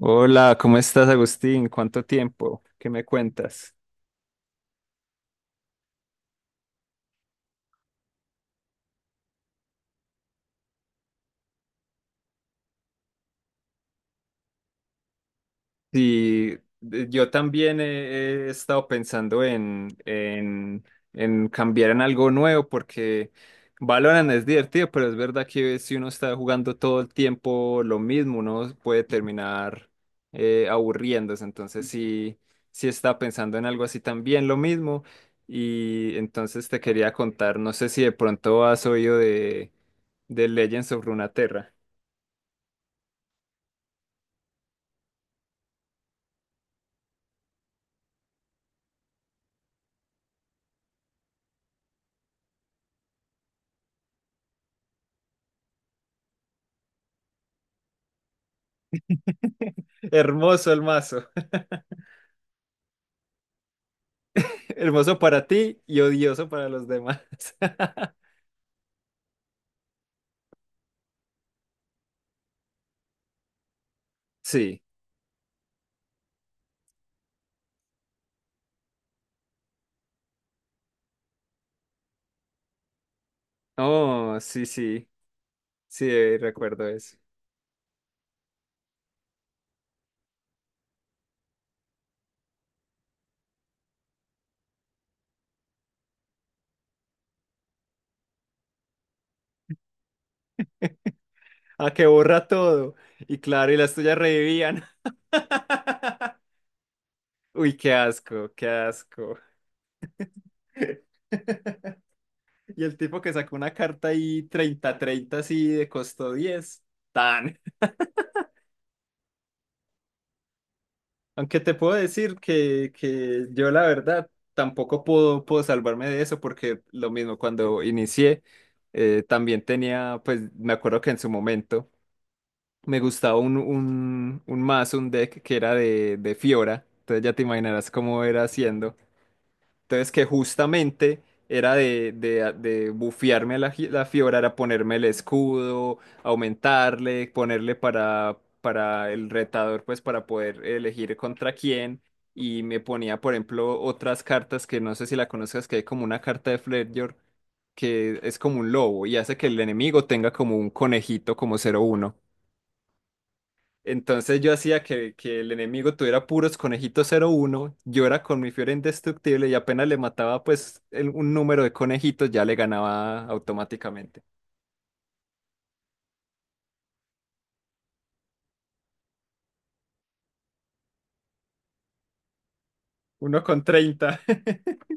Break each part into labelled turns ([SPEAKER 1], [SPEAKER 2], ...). [SPEAKER 1] Hola, ¿cómo estás, Agustín? ¿Cuánto tiempo? ¿Qué me cuentas? Sí, yo también he estado pensando en cambiar en algo nuevo porque Valorant es divertido, pero es verdad que si uno está jugando todo el tiempo lo mismo, uno puede terminar aburriéndose. Entonces sí, sí estaba pensando en algo así también, lo mismo. Y entonces te quería contar, no sé si de pronto has oído de Legends of Runeterra. Hermoso el mazo. Hermoso para ti y odioso para los demás. Sí. Oh, sí, sí. Sí, recuerdo eso. Ah, que borra todo. Y claro, y las tuyas revivían. Uy, qué asco, qué asco. Y el tipo que sacó una carta ahí 30 30 así de costo 10. Tan. Aunque te puedo decir que yo la verdad tampoco puedo salvarme de eso porque lo mismo cuando inicié, también tenía. Pues me acuerdo que en su momento me gustaba un mazo, un deck que era de Fiora. Entonces ya te imaginarás cómo era haciendo. Entonces que justamente era de bufearme a la Fiora, era ponerme el escudo, aumentarle, ponerle para el retador, pues para poder elegir contra quién. Y me ponía, por ejemplo, otras cartas que no sé si la conozcas, que hay como una carta de Fledger que es como un lobo y hace que el enemigo tenga como un conejito como cero uno. Entonces yo hacía que el enemigo tuviera puros conejitos cero uno, yo era con mi Fiora indestructible, y apenas le mataba pues un número de conejitos, ya le ganaba automáticamente. Uno con 30.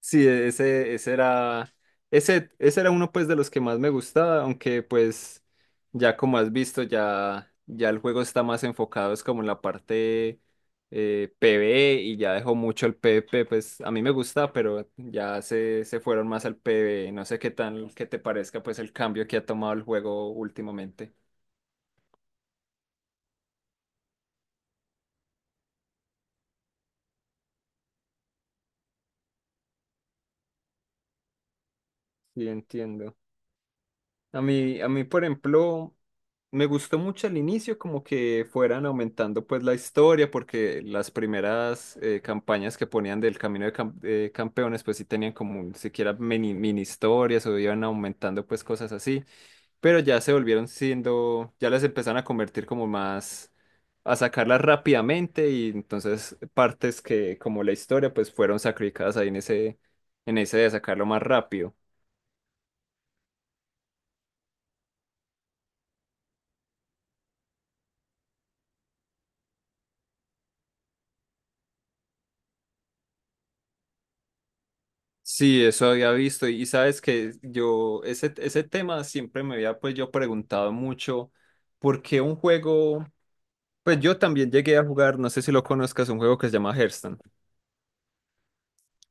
[SPEAKER 1] Sí, ese era uno pues de los que más me gustaba, aunque pues ya como has visto, ya el juego está más enfocado, es como en la parte PvE, y ya dejó mucho el PvP. Pues a mí me gusta, pero ya se fueron más al PvE. No sé qué te parezca pues el cambio que ha tomado el juego últimamente. Sí, entiendo. A mí, por ejemplo, me gustó mucho al inicio como que fueran aumentando pues la historia, porque las primeras campañas que ponían del Camino de Campeones pues sí tenían como siquiera mini historias, o iban aumentando pues cosas así. Pero ya se volvieron siendo, ya las empezaron a convertir como más, a sacarlas rápidamente, y entonces partes que como la historia pues fueron sacrificadas ahí en ese, de sacarlo más rápido. Sí, eso había visto. Y sabes que yo ese tema siempre me había pues yo preguntado mucho por qué un juego, pues yo también llegué a jugar, no sé si lo conozcas, un juego que se llama Hearthstone,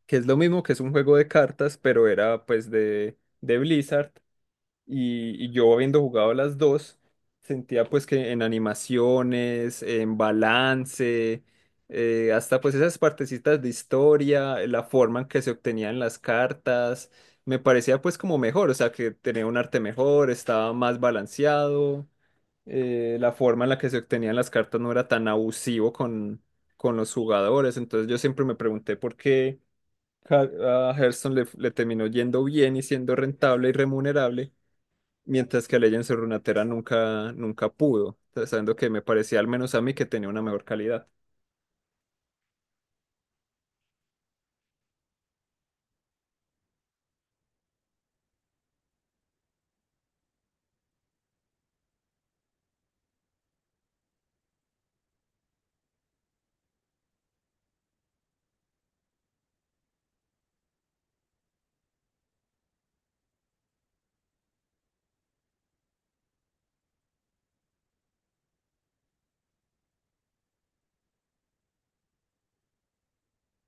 [SPEAKER 1] que es lo mismo, que es un juego de cartas, pero era pues de Blizzard. Y yo, habiendo jugado las dos, sentía pues que en animaciones, en balance, hasta pues esas partecitas de historia, la forma en que se obtenían las cartas, me parecía pues como mejor. O sea, que tenía un arte mejor, estaba más balanceado, la forma en la que se obtenían las cartas no era tan abusivo con los jugadores. Entonces yo siempre me pregunté por qué. A Hearthstone le terminó yendo bien y siendo rentable y remunerable, mientras que Legends of Runeterra nunca, nunca pudo, sabiendo que me parecía al menos a mí que tenía una mejor calidad.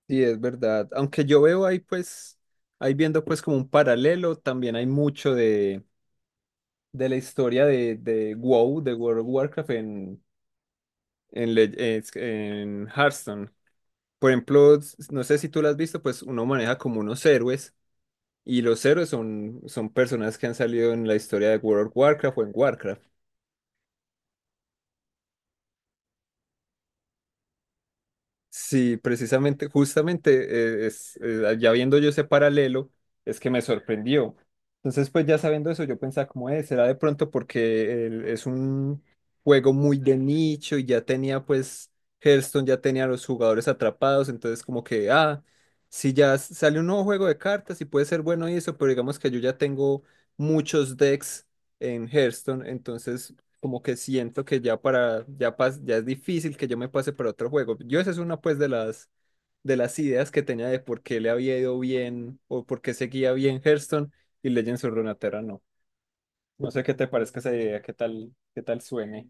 [SPEAKER 1] Sí, es verdad. Aunque yo veo ahí pues, ahí viendo pues como un paralelo, también hay mucho de la historia de WoW, de World of Warcraft en en Hearthstone. Por ejemplo, no sé si tú lo has visto, pues uno maneja como unos héroes, y los héroes son personas que han salido en la historia de World of Warcraft o en Warcraft. Sí, precisamente, justamente, ya viendo yo ese paralelo, es que me sorprendió. Entonces, pues ya sabiendo eso, yo pensaba como, es será de pronto porque es un juego muy de nicho, y ya tenía, pues, Hearthstone ya tenía a los jugadores atrapados. Entonces como que, ah, si ya sale un nuevo juego de cartas y puede ser bueno y eso, pero digamos que yo ya tengo muchos decks en Hearthstone, entonces como que siento que ya es difícil que yo me pase para otro juego. Yo esa es una pues de las, ideas que tenía de por qué le había ido bien o por qué seguía bien Hearthstone y Legends of Runeterra no. No sé qué te parezca esa idea, qué tal, suene.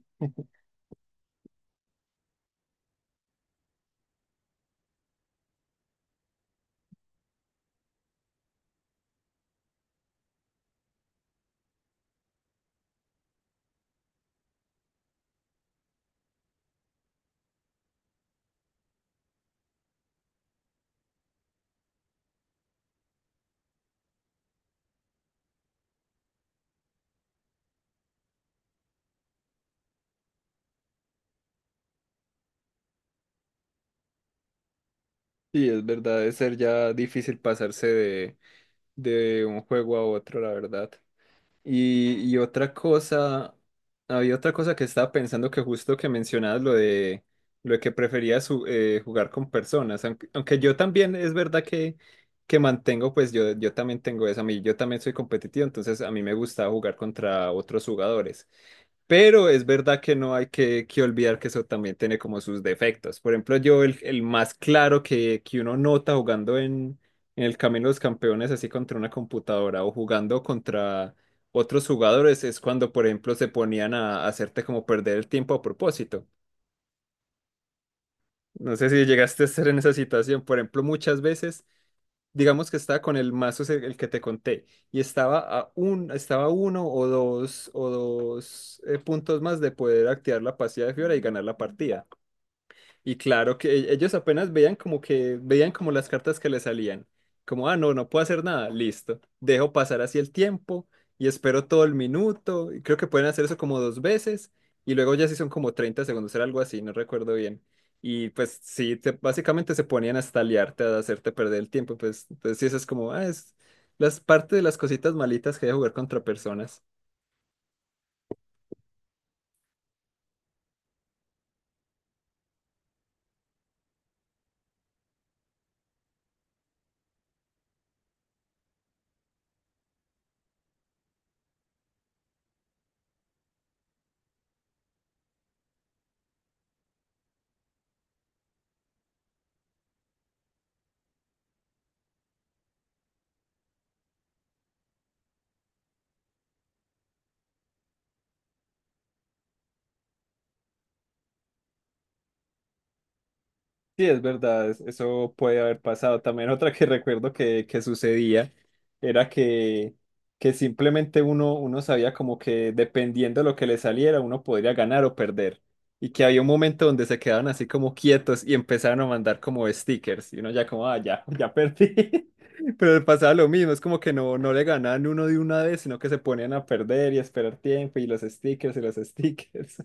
[SPEAKER 1] Sí, es verdad, es ser ya difícil pasarse de un juego a otro, la verdad. Y otra cosa, había otra cosa que estaba pensando, que justo que mencionabas lo de que preferías jugar con personas. Aunque, yo también es verdad que mantengo, pues yo también tengo eso, a mí, yo también soy competitivo, entonces a mí me gusta jugar contra otros jugadores. Pero es verdad que no hay que olvidar que eso también tiene como sus defectos. Por ejemplo, yo el más claro que uno nota jugando en el Camino de los Campeones, así contra una computadora o jugando contra otros jugadores, es cuando, por ejemplo, se ponían a hacerte como perder el tiempo a propósito. No sé si llegaste a estar en esa situación. Por ejemplo, muchas veces digamos que estaba con el mazo el que te conté y estaba estaba a uno o dos puntos más de poder activar la pasiva de Fiora y ganar la partida. Y claro que ellos apenas veían como que veían como las cartas que le salían. Como, ah, no, no puedo hacer nada, listo. Dejo pasar así el tiempo y espero todo el minuto. Y creo que pueden hacer eso como dos veces, y luego ya sí son como 30 segundos, era algo así, no recuerdo bien. Y pues sí, básicamente se ponían hasta liarte, a hacerte perder el tiempo. Pues entonces sí, eso es como, ah, es las parte de las cositas malitas que hay de jugar contra personas. Sí, es verdad, eso puede haber pasado. También otra que recuerdo que sucedía, era que simplemente uno sabía como que dependiendo de lo que le saliera, uno podría ganar o perder. Y que había un momento donde se quedaban así como quietos y empezaron a mandar como stickers. Y uno ya como, ah, ya perdí. Pero le pasaba lo mismo, es como que no, no le ganaban uno de una vez, sino que se ponían a perder y a esperar tiempo y los stickers y los stickers.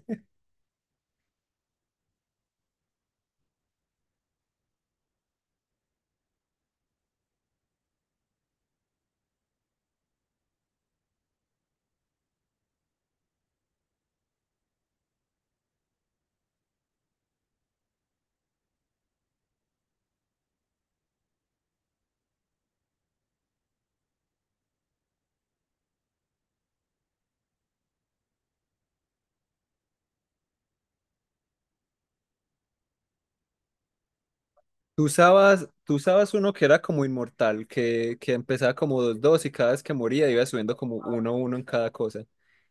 [SPEAKER 1] Tú usabas uno que era como inmortal, que empezaba como dos dos y cada vez que moría iba subiendo como uno uno en cada cosa.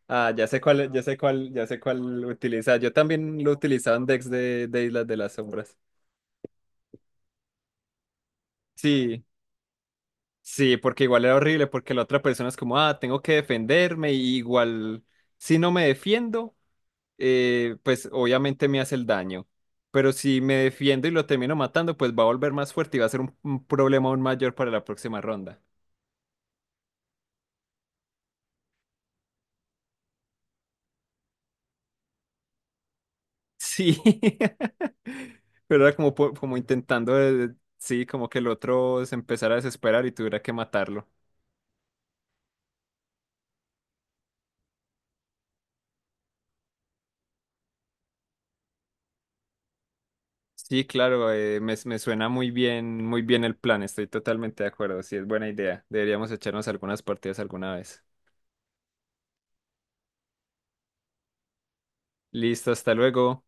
[SPEAKER 1] Ah, ya sé cuál, ya sé cuál, ya sé cuál utilizaba. Yo también lo utilizaba en decks de Islas de las Sombras. Sí, sí, porque igual era horrible, porque la otra persona es como, ah, tengo que defenderme, y igual si no me defiendo, pues obviamente me hace el daño. Pero si me defiendo y lo termino matando, pues va a volver más fuerte y va a ser un problema aún mayor para la próxima ronda. Sí, pero era como, como intentando, sí, como que el otro se empezara a desesperar y tuviera que matarlo. Sí, claro, me suena muy bien el plan, estoy totalmente de acuerdo, sí, es buena idea. Deberíamos echarnos algunas partidas alguna vez. Listo, hasta luego.